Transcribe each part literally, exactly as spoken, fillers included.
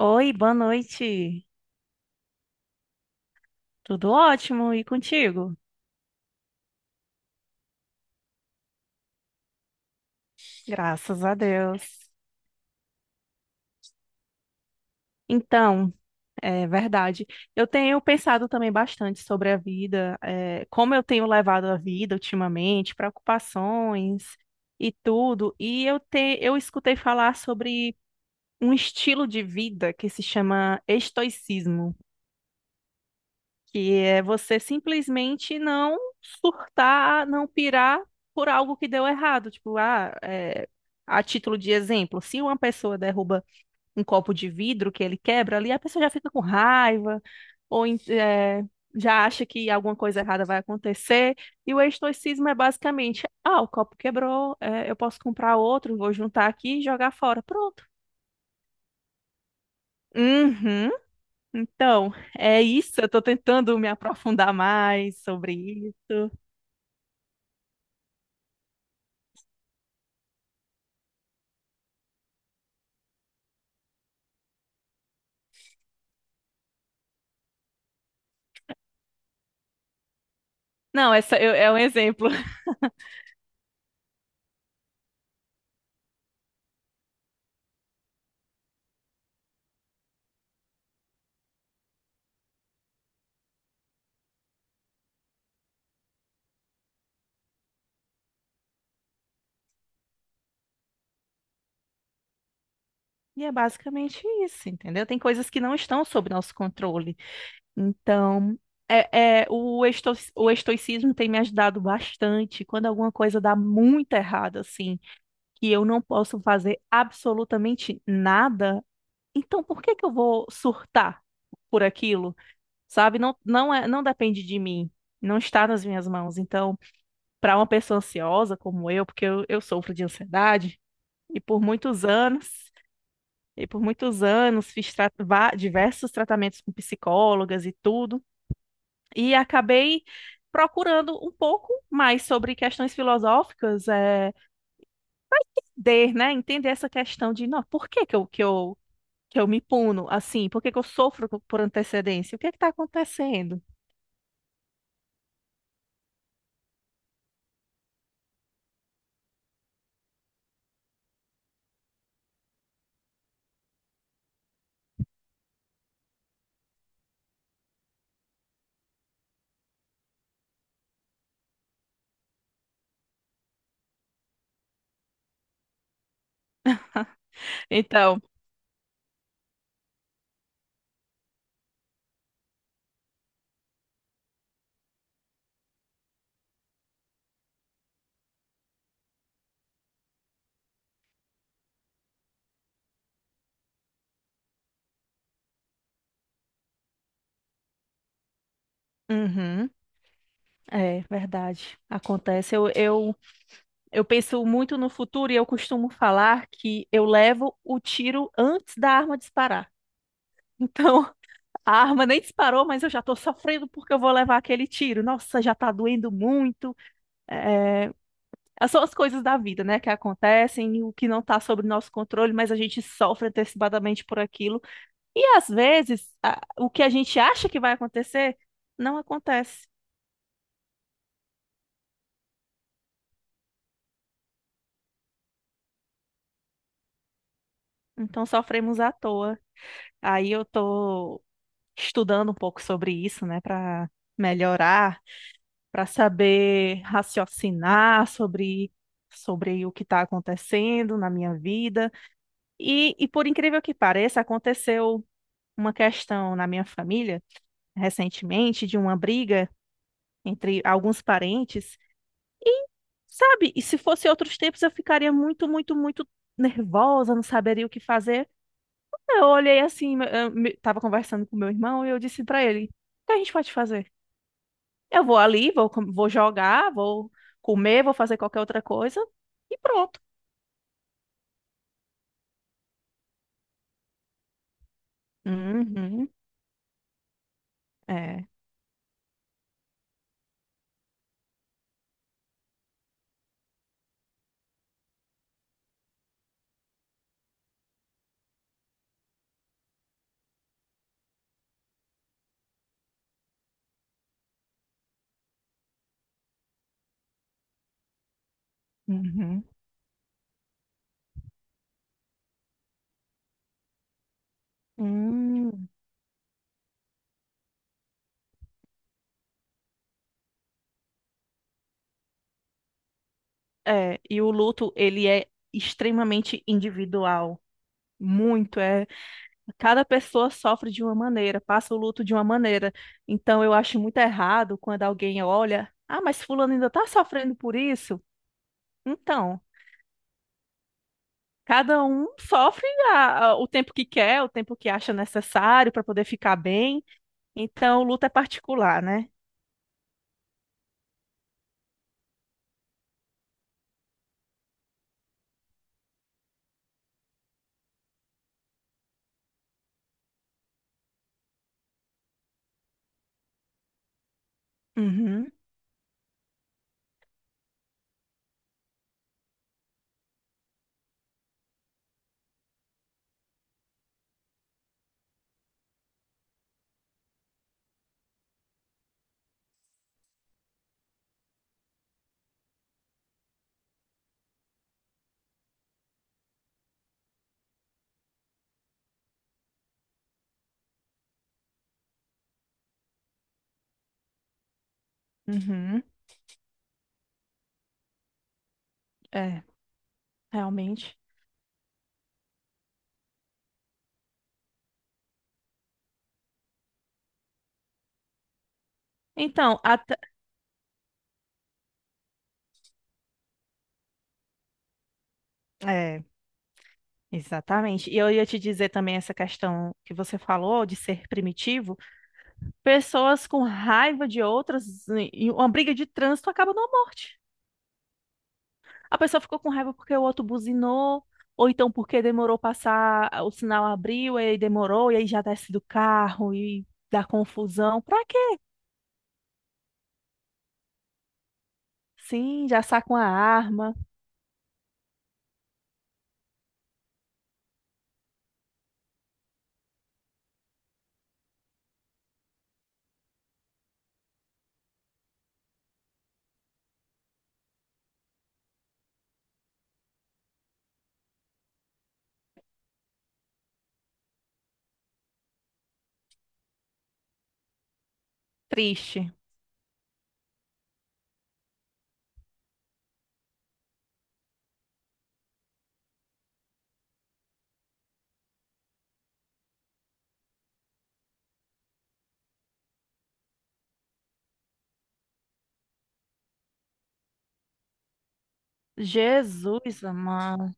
Oi, boa noite. Tudo ótimo e contigo? Graças a Deus. Então, é verdade. Eu tenho pensado também bastante sobre a vida, é, como eu tenho levado a vida ultimamente, preocupações e tudo. E eu te, eu escutei falar sobre um estilo de vida que se chama estoicismo, que é você simplesmente não surtar, não pirar por algo que deu errado. Tipo, ah, é, a título de exemplo, se uma pessoa derruba um copo de vidro que ele quebra ali, a pessoa já fica com raiva, ou en- é, já acha que alguma coisa errada vai acontecer. E o estoicismo é basicamente, ah, o copo quebrou, é, eu posso comprar outro, vou juntar aqui e jogar fora. Pronto. Uhum. Então, é isso. Eu estou tentando me aprofundar mais sobre isso. Não, essa eu- é um exemplo. E é basicamente isso, entendeu? Tem coisas que não estão sob nosso controle. Então, é, é, o esto- o estoicismo tem me ajudado bastante quando alguma coisa dá muito errado, assim, que eu não posso fazer absolutamente nada. Então, por que que eu vou surtar por aquilo? Sabe? Não, não é, não depende de mim. Não está nas minhas mãos. Então, para uma pessoa ansiosa como eu, porque eu eu sofro de ansiedade, e por muitos anos. E por muitos anos fiz tra- va- diversos tratamentos com psicólogas e tudo, e acabei procurando um pouco mais sobre questões filosóficas, é, de, né, entender essa questão de, não, por que que eu, que eu, que eu me puno assim? Por que que eu sofro co- por antecedência? O que está acontecendo? Então, uhum, é verdade, acontece. Eu, eu, eu penso muito no futuro e eu costumo falar que eu levo o tiro antes da arma disparar. Então, a arma nem disparou, mas eu já estou sofrendo porque eu vou levar aquele tiro. Nossa, já está doendo muito. É, é, São as coisas da vida, né, que acontecem, o que não está sob nosso controle, mas a gente sofre antecipadamente por aquilo. E às vezes, a- o que a gente acha que vai acontecer, não acontece. Então sofremos à toa. Aí eu estou estudando um pouco sobre isso, né, para melhorar, para saber raciocinar sobre sobre o que está acontecendo na minha vida. E, e por incrível que pareça, aconteceu uma questão na minha família recentemente de uma briga entre alguns parentes. E, sabe, e se fosse outros tempos eu ficaria muito, muito, muito nervosa, não saberia o que fazer. Eu olhei assim, me- eu me- tava conversando com meu irmão e eu disse pra ele: O que a gente pode fazer? Eu vou ali, vou, com- vou jogar, vou comer, vou fazer qualquer outra coisa e pronto. Uhum, é. Uhum. Hum. É, e o luto, ele é extremamente individual. Muito, é. Cada pessoa sofre de uma maneira, passa o luto de uma maneira. Então, eu acho muito errado quando alguém olha, ah, mas fulano ainda tá sofrendo por isso? Então, cada um sofre a- a- o tempo que quer, o tempo que acha necessário para poder ficar bem. Então, o luto é particular, né? Uhum, uhum, é, realmente. Então, até, exatamente. E eu ia te dizer também essa questão que você falou de ser primitivo. Pessoas com raiva de outras, em uma briga de trânsito acaba numa morte. A pessoa ficou com raiva porque o outro buzinou, ou então porque demorou passar, o sinal abriu e aí demorou, e aí já desce do carro e dá confusão. Pra quê? Sim, já saca uma arma. Triste. Jesus, mano.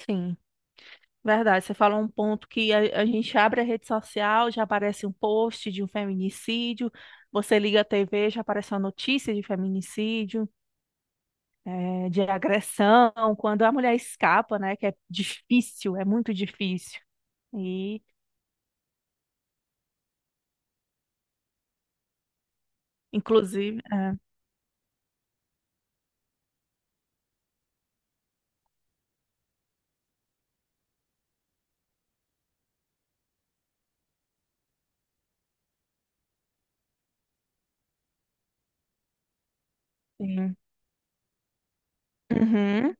Sim. Verdade, você falou um ponto que a, a gente abre a rede social, já aparece um post de um feminicídio, você liga a T V, já aparece uma notícia de feminicídio, eh, de agressão, quando a mulher escapa, né, que é difícil, é muito difícil. E, inclusive, é, sim. Uhum,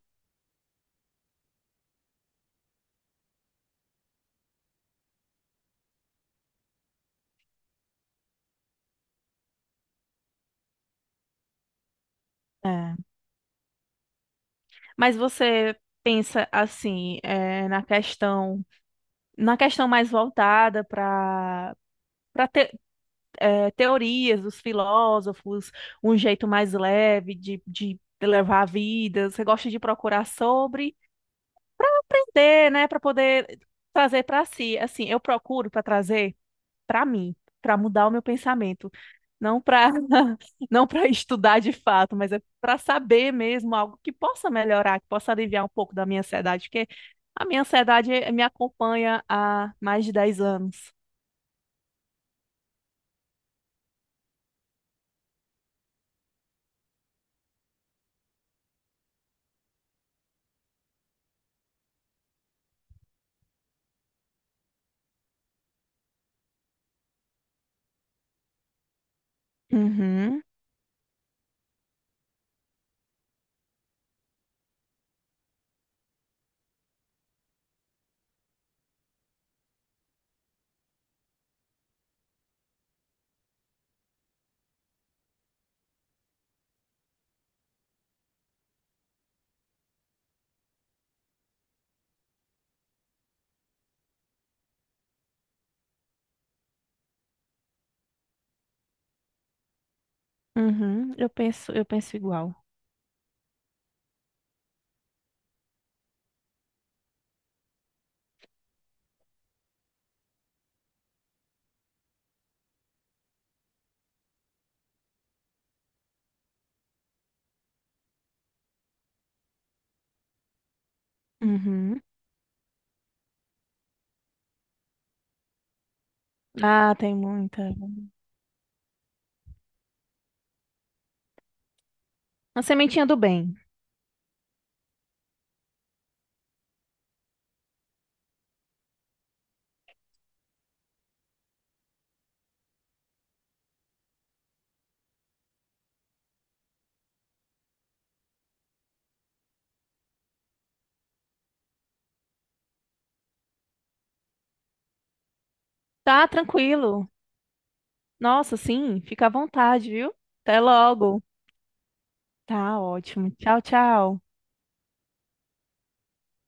é. Mas você pensa assim, eh, na questão, na questão mais voltada para eh, teorias dos filósofos, um jeito mais leve de, de levar a vida, você gosta de procurar sobre, entender, né, para poder trazer para si. Assim, eu procuro para trazer para mim, para mudar o meu pensamento, não para não para estudar de fato, mas é para saber mesmo algo que possa melhorar, que possa aliviar um pouco da minha ansiedade, porque a minha ansiedade me acompanha há mais de dez anos. Uhum, uhum, eu penso, eu penso igual. Uhum. Ah, tem muita. Uma sementinha do bem. Tá tranquilo. Nossa, sim, fica à vontade, viu? Até logo. Tá ótimo. Tchau, tchau.